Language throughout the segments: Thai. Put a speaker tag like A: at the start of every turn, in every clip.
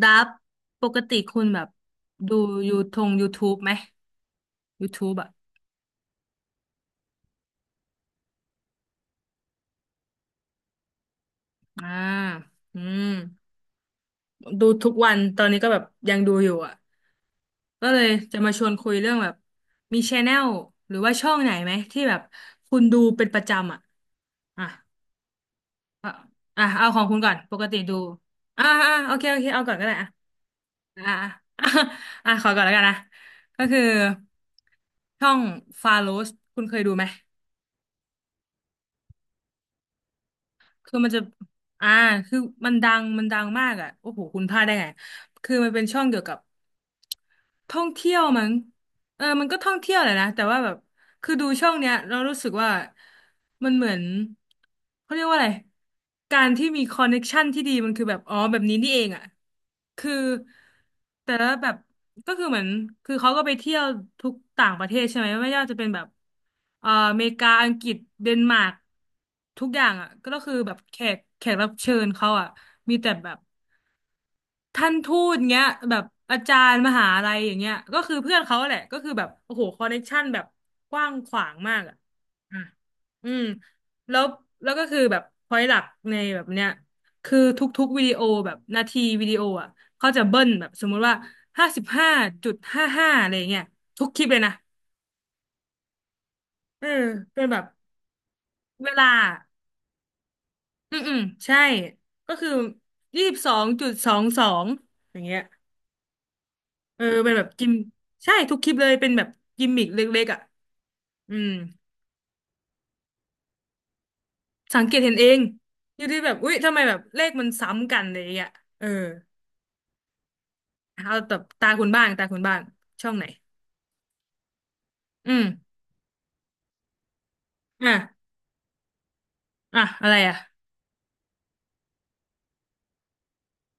A: ดับปกติคุณแบบดูยูทง YouTube ไหม YouTube อ่ะอ่าอืมดูทุกวันตอนนี้ก็แบบยังดูอยู่อ่ะก็เลยจะมาชวนคุยเรื่องแบบมีชแนลหรือว่าช่องไหนไหมที่แบบคุณดูเป็นประจำอ่ะอ่ะอ่ะอ่ะเอาของคุณก่อนปกติดูอ่าอ่าโอเคโอเคเอาก่อนก็ได้อ่ะอ่าอ่าอ่ะขอก่อนแล้วกันนะก็คือช่องฟาโรสคุณเคยดูไหม คือมันจะอ่าคือมันดังมากอ่ะโอ้โหคุณพลาดได้ไง คือมันเป็นช่องเกี่ยวกับ ท่องเที่ยวมั้งเออมันก็ท่องเที่ยวแหละนะแต่ว่าแบบคือดูช่องเนี้ยเรารู้สึกว่ามันเหมือนเขาเรียกว่าอะไรการที่มีคอนเน็กชันที่ดีมันคือแบบอ๋อแบบนี้นี่เองอ่ะคือแต่ละแบบก็คือเหมือนคือเขาก็ไปเที่ยวทุกต่างประเทศใช่ไหมไม่ว่าจะเป็นแบบอเมริกาอังกฤษเดนมาร์กทุกอย่างอ่ะก็คือแบบแขกรับเชิญเขาอ่ะมีแต่แบบ ท่านทูตเงี้ยแบบอาจารย์มหาลัยอย่างเงี้ยก็คือเพื่อนเขาแหละก็คือแบบโอ้โหคอนเนคชั่นแบบกว้างขวางมากอ่ะอ่ะอืมแล้วแล้วก็คือแบบพอยหลักในแบบเนี้ยคือทุกๆวิดีโอแบบนาทีวิดีโออ่ะเขาจะเบิ้ลแบบสมมุติว่าห้าสิบห้าจุดห้าห้าอะไรเงี้ยทุกคลิปเลยนะเออเป็นแบบเวลาอืมอืมใช่ก็คือยี่สิบสองจุดสองสองอย่างเงี้ย เออเป็นแบบกิมใช่ทุกคลิปเลยเป็นแบบกิมมิกเล็กๆอ่ะอืมสังเกตเห็นเองอยู่ที่แบบอุ๊ยทำไมแบบเลขมันซ้ำกันอะไรอย่างเงี้ยเออเอาแับตาคุณบ้างตาคุณบ้างช่องไหนอืมอ่ะอ่ะอะไรอ่ะ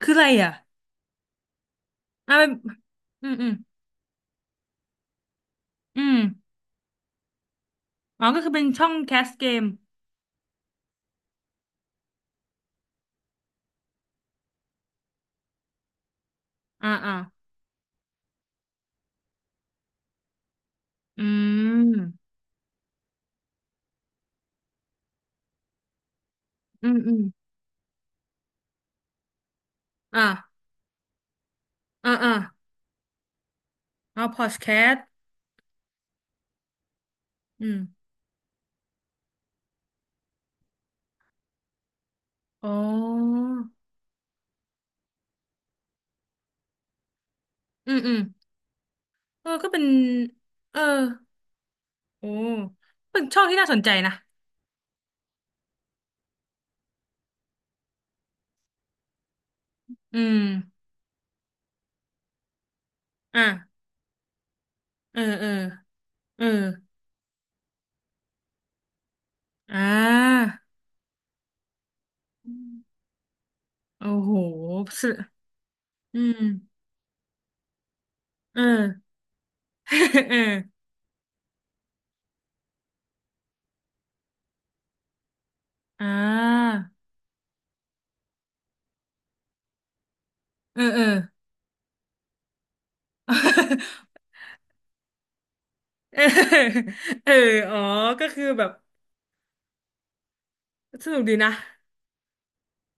A: คืออะไรอ่ะอ่ะเป็นอืมอืมอืมอ๋อก็คือเป็นช่องแคสเกมอ่าอ่าอืมอืมอืมอ่าอ่าอ่าเอาพอดแคสต์อืมอ๋ออืมอืมเออก็เป็นเออ โอ้เป็นช่องที่น่าสนใจนะอืมอ่ะเออเออเอออ่าอืมโอ้โหสอืมเออ เอออ่าเออเออ เออเอออ๋อก็คือแบบสนุกดีนะ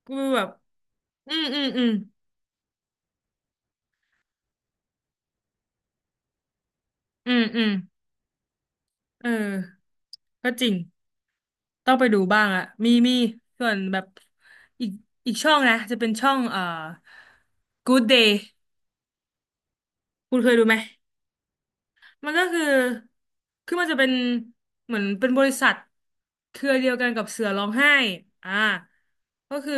A: กูแบบอืมอืมอืมอืมอืมเออก็จริงต้องไปดูบ้างอะมีส่วนแบบอีกอีกช่องนะจะเป็นช่องGood Day คุณเคยดูไหมมันก็คือ คือมันจะเป็นเหมือนเป็นบริษัท เครือเดียวกันกับเสือร้องไห้อ่าก็คือ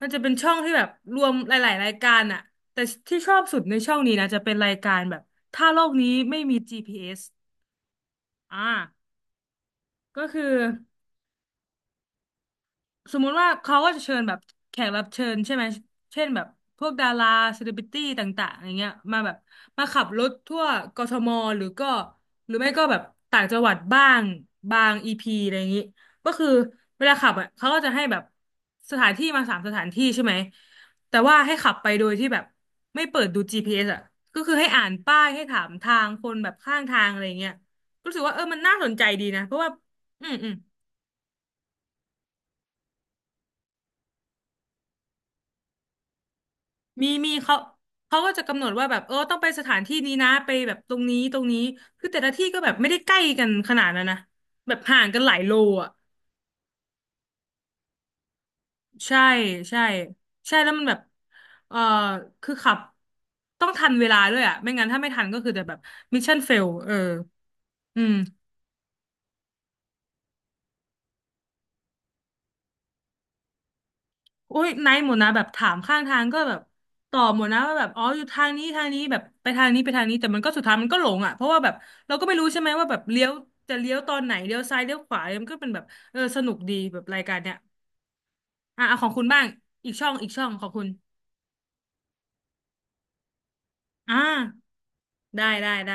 A: มันจะเป็นช่องที่แบบรวมหลายๆรายการอะแต่ที่ชอบสุดในช่องนี้นะจะเป็นรายการแบบถ้าโลกนี้ไม่มี GPS อสอ่าก็คือ สมมุติว่าเขาก็จะเชิญแบบแขกรับเชิญใช่ไหมเช่นแบบพวกดาราเซเลบริตี้ต่างๆอย่างเงี้ยมาแบบมาขับรถทั่วกทมหรือก็หรือไม่ก็แบบต่างจังหวัดบ้างบางอีพีอะไรอย่างงี้ก็คือเวลาขับอ่ะเขาก็จะให้แบบสถานที่มาสามสถานที่ใช่ไหมแต่ว่าให้ขับไปโดยที่แบบไม่เปิดดูจ GPS อสอ่ะก็คือให้อ่านป้ายให้ถามทางคนแบบข้างทางอะไรอย่างเงี้ยรู้สึกว่าเออมันน่าสนใจดีนะเพราะว่าอืมอืม มีเขาก็จะกำหนดว่าแบบเออต้องไปสถานที่นี้นะไปแบบตรงนี้คือแต่ละที่ก็แบบไม่ได้ใกล้กันขนาดนั้นนะแบบห่างกันหลายโลอ่ะใช่ใช่ใช่แล้วมันแบบเออคือขับต้องทันเวลาด้วยอ่ะไม่งั้นถ้าไม่ทันก็คือจะแบบมิชชั่นเฟลเอออืม อุ้ยไนท์หมดนะแบบถามข้างทางก็แบบตอบหมดนะว่าแบบอ๋ออยู่ทางนี้แบบไปทางนี้ไปทางนี้แต่มันก็สุดท้ายมันก็หลงอ่ะเพราะว่าแบบเราก็ไม่รู้ใช่ไหมว่าแบบเลี้ยวจะเลี้ยวตอนไหนเลี้ยวซ้ายเลี้ยวขวามันก็เป็นแบบเออสนุกดีแบบรายการเนี้ยอ่ะเอาของคุณบ้างอีกช่องของคุณอ่าได้ได้ได้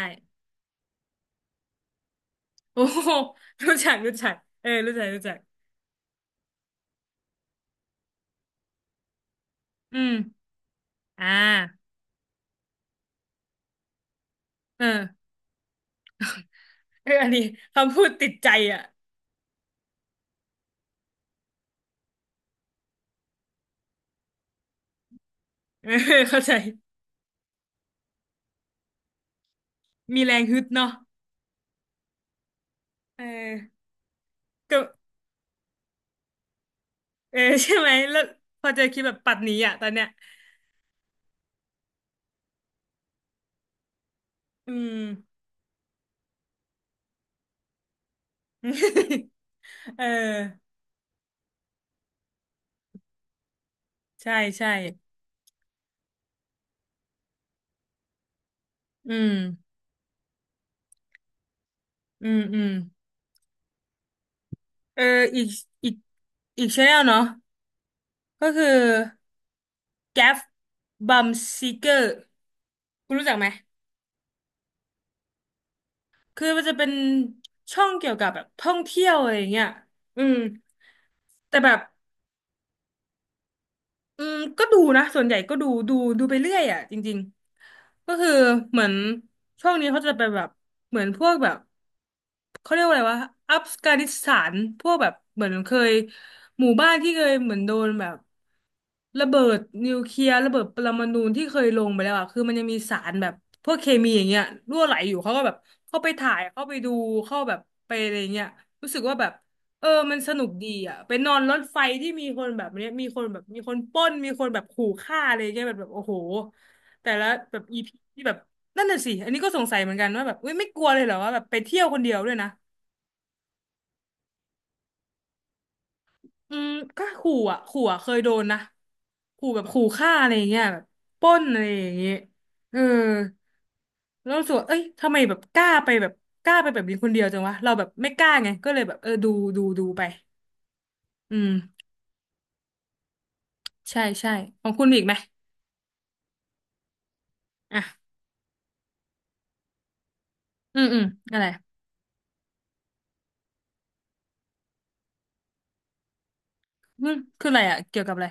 A: โอ้โหรู้จักรู้จักเออรู้จักรู้จักอืมอ่าเออเอออันนี้คำพูดติดใจอ่ะเออเข้าใจมีแรงฮึดเนาะเออ เออใช่ไหมแล้วพอเจอคลิปแบบปัดหนีอ่ะตอนเนี้ยอืม เออใช่ใช่อืมอืมอืมเอออีกอีกอีกชแนลเนาะก็คือ Gaff Bum Seeker คุณรู้จักไหมคือมันจะเป็นช่องเกี่ยวกับแบบท่องเที่ยวอะไรอย่างเงี้ยอืมแต่แบบอืมก็ดูนะส่วนใหญ่ก็ดูดูไปเรื่อยอ่ะจริงๆก็คือเหมือนช่องนี้เขาจะไปแบบเหมือนพวกแบบ เขาเรียกว่าอะไรวะอัฟกานิสถานพวกแบบเหมือนเคยหมู่บ้านที่เคยเหมือนโดนแบบระเบิดนิวเคลียร์ระเบิดปรมาณูที่เคยลงไปแล้วอะคือมันยังมีสารแบบพวกเคมีอย่างเงี้ยรั่วไหลอยู่เขาก็แบบเข้าไปถ่ายเข้าไปดูเข้าแบบไปอะไรเงี้ยรู้สึกว่าแบบเออมันสนุกดีอ่ะไปนอนรถไฟที่มีคนแบบเนี้ยมีคนแบบมีคนปล้นมีคนแบบขู่ฆ่าอะไรเงี้ยแบบโอ้โหแต่ละแบบอีพีที่แบบ นั่นน่ะสิอันนี้ก็สงสัยเหมือนกันว่าแบบเว้ยไม่กลัวเลยเหรอว่าแบบไปเที่ยวคนเดียวด้วยนะอืมก็ขู่อ่ะเคยโดนนะขู่แบบขู่ฆ่าอะไรอย่างเงี้ยแบบปล้นอะไรอย่างเงี้ยเออแล้วรู้สึกว่าเอ้ยทำไมแบบกล้าไปแบบกล้าไปแบบนี้คนเดียวจังวะเราแบบไม่กล้าไงก็เลยแบบเออดูดูไปอืมใช่ใช่ของคุณมีอีกไหมอ่ะอืมอืมอะไรอืมคืออะไรอ่ะเกี่ยวกับอะไร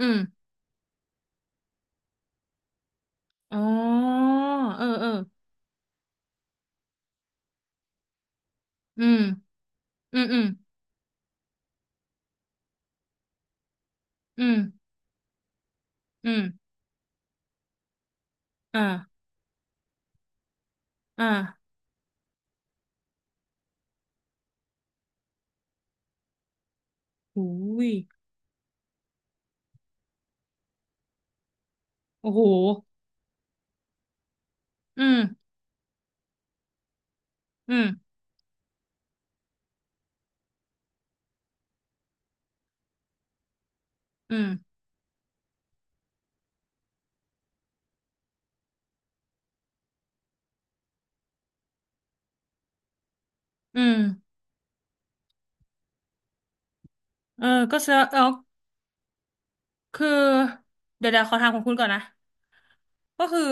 A: อืมอ๋อเออเอออืมอืมอืมอืมอืมอ่าอ่า หูยโอ้โหอืม อืม อืม อืมเออก็เสียแอ้คือ เดี๋ยวเดี๋ยวขอถามของคุณก่อนนะ ก็คือ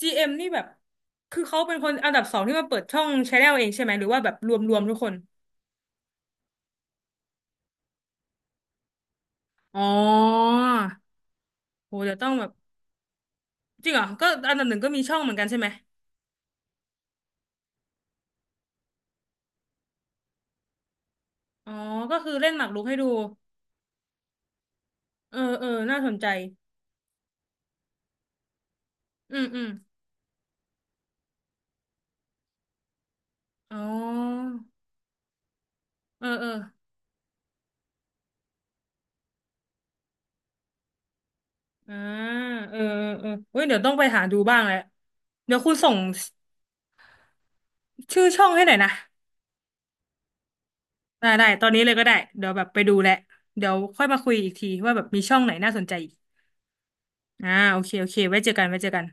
A: GM นี่แบบคือเขาเป็นคนอันดับสองที่มาเปิดช่องชาแนลเองใช่ไหม หรือว่าแบบรวมทุกคน อ๋อโหเดี๋ยวต้องแบบจริงเหรอก็อันดับหนึ่งก็มีช่องเหมือนกันใช่ไหม อ๋อ ก็คือเล่นหมากรุกให้ดูเออเออน่าสนใจอืมอืมอ๋อเออเออ อ่าเออเออเออเว้ยเดี๋ยวต้องไปหาดูบ้างแหละเดี๋ยวคุณส่งชื่อช่องให้หน่อยนะได้ได้ตอนนี้เลยก็ได้ เดี๋ยวแบบไปดูแหละเดี๋ยวค่อยมาคุยอีกทีว่าแบบมีช่องไหนน่าสนใจอีกอ่าโอเคโอเค ไว้เจอกันไว้เจอกัน